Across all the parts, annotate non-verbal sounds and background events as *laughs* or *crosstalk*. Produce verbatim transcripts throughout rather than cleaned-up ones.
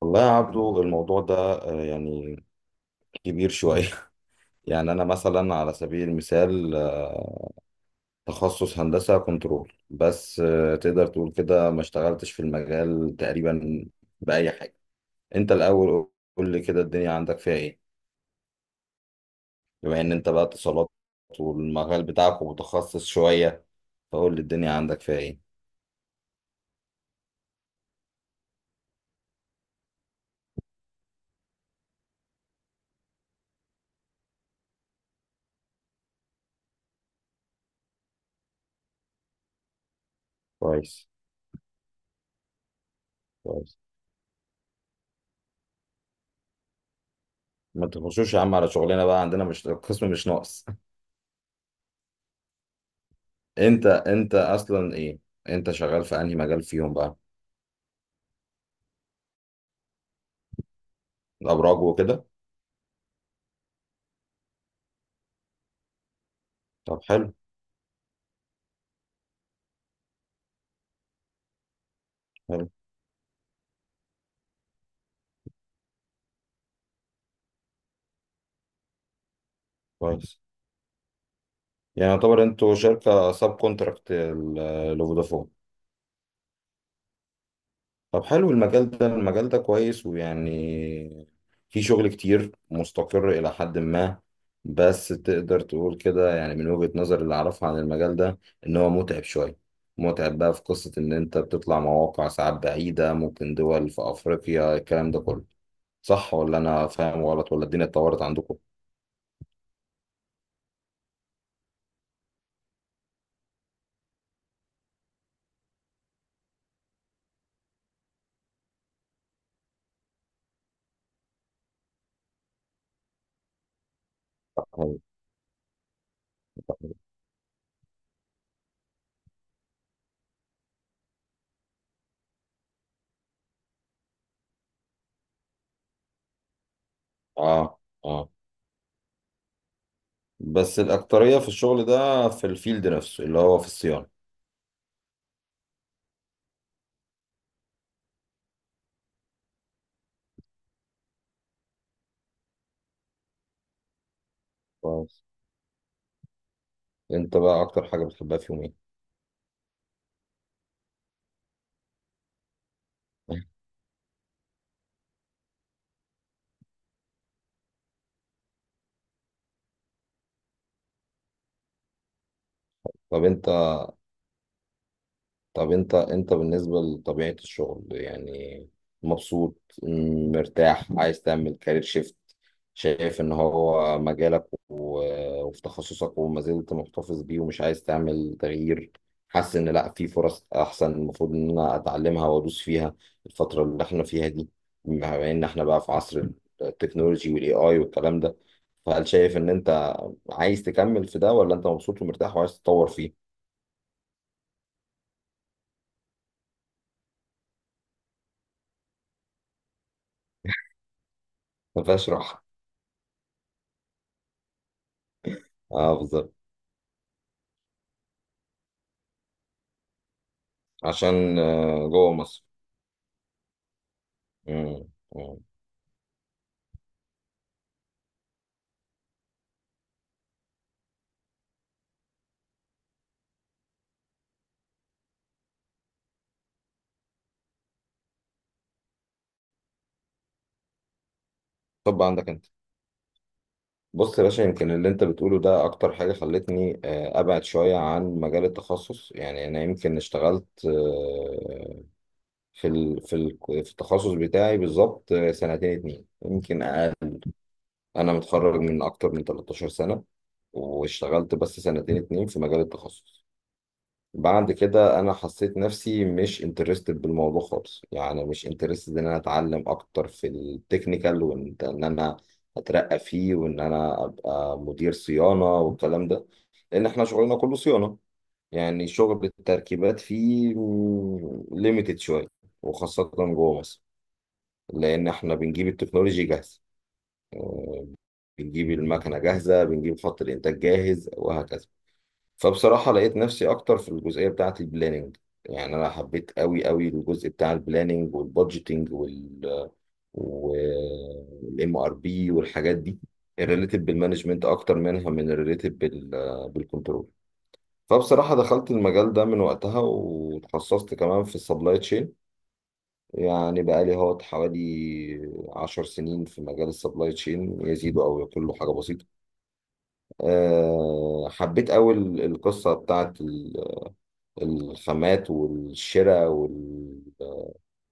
والله يا عبدو، الموضوع ده آه، يعني كبير شوية *laughs* يعني أنا مثلا، على سبيل المثال، آه، تخصص هندسة كنترول، بس آه، تقدر تقول كده ما اشتغلتش في المجال تقريبا بأي حاجة. أنت الأول، قول لي كده الدنيا عندك فيها إيه؟ بما إن أنت بقى اتصالات والمجال بتاعك متخصص شوية، فقول لي الدنيا عندك فيها إيه؟ كويس. كويس. ما تخشوش يا عم على شغلنا بقى، عندنا مش القسم مش ناقص. *laughs* أنت أنت أصلا إيه؟ أنت شغال في أنهي مجال فيهم بقى؟ الابراج وكده؟ طب حلو. حلو. كويس. يعني يعتبر انتوا شركه ساب كونتراكت ل- لفودافون؟ طب حلو، المجال ده المجال ده كويس، ويعني في شغل كتير مستقر الى حد ما. بس تقدر تقول كده، يعني من وجهة نظر اللي اعرفها عن المجال ده، ان هو متعب شويه. متعب بقى في قصه ان انت بتطلع مواقع ساعات بعيده، ممكن دول في افريقيا، الكلام ده كله. صح، ولا انا فاهم غلط، ولا الدنيا اتطورت عندكم؟ اه. اه. بس الأكترية في الشغل ده في الفيلد نفسه اللي هو في الصيانة. كويس. انت بقى اكتر حاجة بتحبها في يومين؟ طب انت طب انت انت بالنسبة لطبيعة الشغل، يعني مبسوط، م- مرتاح، عايز تعمل كارير شيفت؟ شايف ان هو مجالك و- وفي تخصصك وما زلت محتفظ بيه ومش عايز تعمل تغيير؟ حاسس ان لا، في فرص احسن المفروض ان انا اتعلمها وادوس فيها الفترة اللي احنا فيها دي؟ بما ان احنا بقى في عصر التكنولوجي والاي اي والكلام ده، فهل شايف ان انت عايز تكمل في ده، ولا انت مبسوط ومرتاح وعايز تتطور فيه؟ ما فيهاش راحة. اه، بالظبط. عشان آه، جوه مصر. مم. مم. طب عندك انت؟ بص يا باشا، يمكن اللي انت بتقوله ده اكتر حاجة خلتني آه، ابعد شوية عن مجال التخصص. يعني انا يمكن اشتغلت آه، في ال... في ال... في التخصص بتاعي بالظبط آه، سنتين اتنين، يمكن اقل. انا متخرج من اكتر من 13 سنة، واشتغلت بس سنتين اتنين في مجال التخصص. بعد كده انا حسيت نفسي مش انترستد بالموضوع خالص، يعني مش انترستد ان انا اتعلم اكتر في التكنيكال وان إن انا اترقى فيه، وان انا ابقى مدير صيانة والكلام ده. لان احنا شغلنا كله صيانة. يعني شغل التركيبات فيه ليميتد شوية، وخاصة جوه مصر. لان احنا بنجيب التكنولوجي جاهزة، آه، بنجيب المكنة جاهزة، بنجيب خط الانتاج جاهز، وهكذا. فبصراحة لقيت نفسي أكتر في الجزئية بتاعة البلاننج. يعني أنا حبيت أوي أوي الجزء بتاع البلاننج والبادجيتنج وال والام ار بي والحاجات دي، الريليتد بالمانجمنت أكتر منها من الريليتد بال بالكنترول. فبصراحة دخلت المجال ده من وقتها، وتخصصت كمان في السبلاي تشين. يعني بقالي هوت حوالي عشر سنين في مجال السبلاي تشين، يزيد أو يقل حاجة بسيطة. أه، حبيت أوي القصة بتاعة الخامات والشراء وال...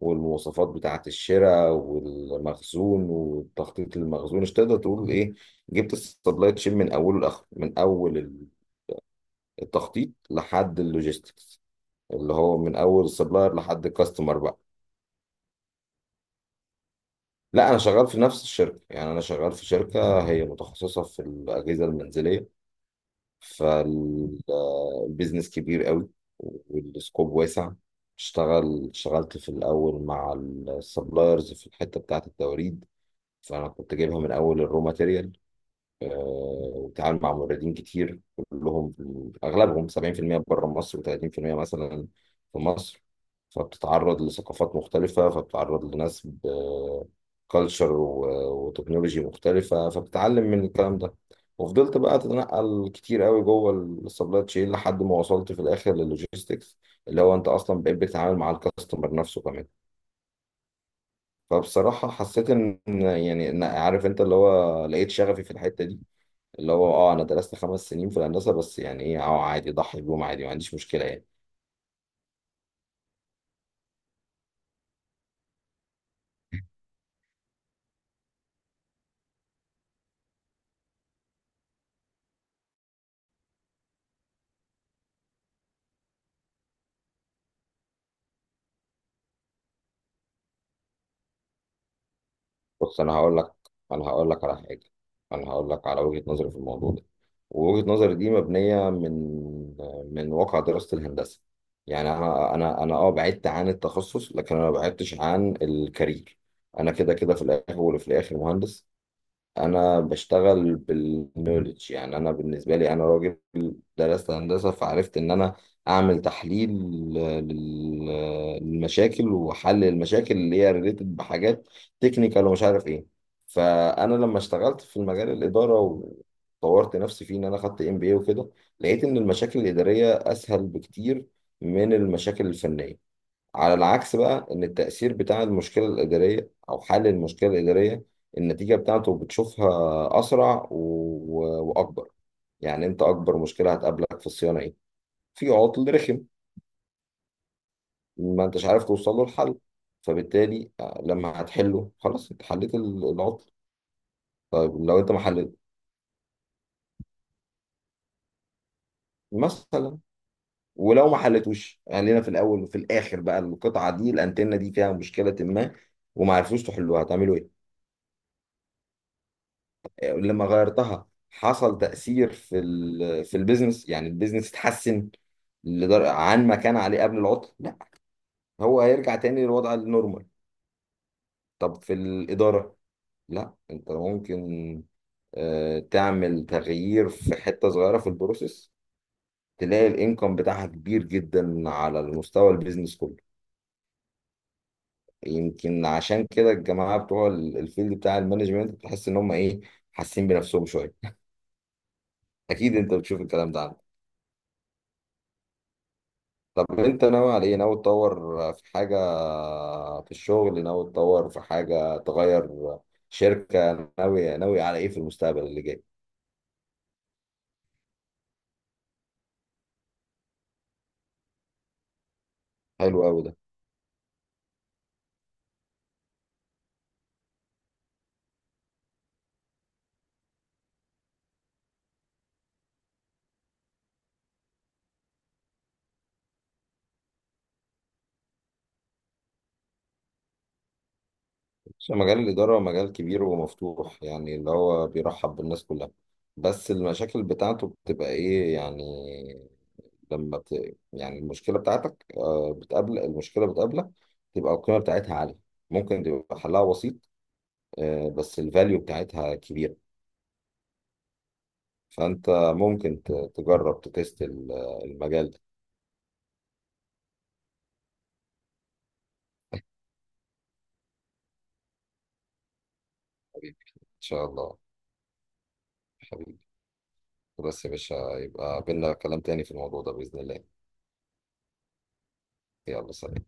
والمواصفات بتاعة الشراء والمخزون والتخطيط للمخزون، مش تقدر تقول ايه. جبت السبلاي تشين من اوله لاخره، من اول ال- التخطيط لحد اللوجيستكس، اللي هو من اول السبلاير لحد الكاستمر بقى. لا، انا شغال في نفس الشركة، يعني انا شغال في شركة هي متخصصة في الأجهزة المنزلية. فالبيزنس كبير قوي، والسكوب واسع. اشتغل اشتغلت في الأول مع السبلايرز في الحتة بتاعة التوريد. فأنا كنت جايبها من أول الرو ماتيريال، آه، تعامل مع موردين كتير كلهم. اغلبهم سبعين في المية بره مصر و30%، مثلا، في مصر. فبتتعرض لثقافات مختلفة، فبتتعرض لناس بكالتشر وتكنولوجي مختلفة، فبتتعلم من الكلام ده. وفضلت بقى اتنقل كتير قوي جوه السبلاي تشين، لحد ما وصلت في الاخر للوجيستكس، اللي هو انت اصلا بقيت بتتعامل مع الكاستمر نفسه كمان. فبصراحة حسيت ان، يعني إن- عارف انت، اللي هو لقيت شغفي في الحتة دي، اللي هو اه انا درست خمس سنين في الهندسه، بس يعني ايه، اه عادي، ضحي بيهم عادي، ما عنديش مشكله يعني. بص، انا هقول لك، انا هقول لك على حاجه، انا هقول لك على وجهه نظري في الموضوع ده. ووجهه نظري دي مبنيه من من واقع دراسه الهندسه. يعني انا انا انا اه بعدت عن التخصص، لكن انا ما بعدتش عن الكارير. انا كده كده في الاول وفي الاخر مهندس. انا بشتغل بالنولج، يعني انا بالنسبه لي، انا راجل درست هندسه، فعرفت ان انا اعمل تحليل لل- للمشاكل وحل المشاكل اللي هي ريليتد بحاجات تكنيكال، ومش عارف ايه. فانا لما اشتغلت في المجال الاداره وطورت نفسي فيه ان انا خدت ام بي اي وكده، لقيت ان المشاكل الاداريه اسهل بكتير من المشاكل الفنيه. على العكس بقى، ان التأثير بتاع المشكلة الإدارية او حل المشكلة الإدارية، النتيجة بتاعته بتشوفها اسرع و... و- واكبر. يعني انت اكبر مشكلة هتقابلك في الصيانة ايه؟ في عطل رخم ما انتش عارف توصل له الحل، فبالتالي آه، لما هتحله خلاص، انت حليت ال- العطل. طيب لو انت ما حليت، مثلا، ولو ما حلتوش، خلينا في الاول وفي الاخر بقى، القطعة دي، الانتنة دي، فيها مشكلة ما وما عرفوش تحلوها، هتعملوا ايه؟ لما غيرتها حصل تأثير في ال في البيزنس، يعني البيزنس اتحسن لدر- عن ما كان عليه قبل العطل؟ لا، هو هيرجع تاني للوضع النورمال. طب في الإدارة، لا، انت ممكن آه، تعمل تغيير في حتة صغيرة في البروسيس، تلاقي الانكم بتاعها كبير جدا على المستوى البيزنس كله. يمكن عشان كده الجماعة بتوع ال- الفيلد بتاع المانجمنت بتحس ان هم ايه، حاسين بنفسهم شوية. اكيد انت بتشوف الكلام ده. طب انت ناوي على ايه؟ ناوي تطور في حاجة في الشغل، ناوي تطور في حاجة، تغير شركة، ناوي ناوي على ايه في المستقبل اللي جاي؟ حلو قوي ده. بس مجال الإدارة مجال كبير ومفتوح، يعني اللي هو بيرحب بالناس كلها. بس المشاكل بتاعته بتبقى ايه يعني؟ لما بت... يعني المشكلة بتاعتك، آه، بتقابل المشكلة بتقابلك، تبقى القيمة بتاعتها عالية. ممكن تبقى حلها بسيط، آه، بس الفاليو بتاعتها كبيرة. فأنت ممكن ت- تجرب تتست ال- المجال ده. حبيبي، إن شاء الله، حبيبي. بس يا باشا، يبقى بينا كلام تاني في الموضوع ده بإذن الله. يلا، سلام.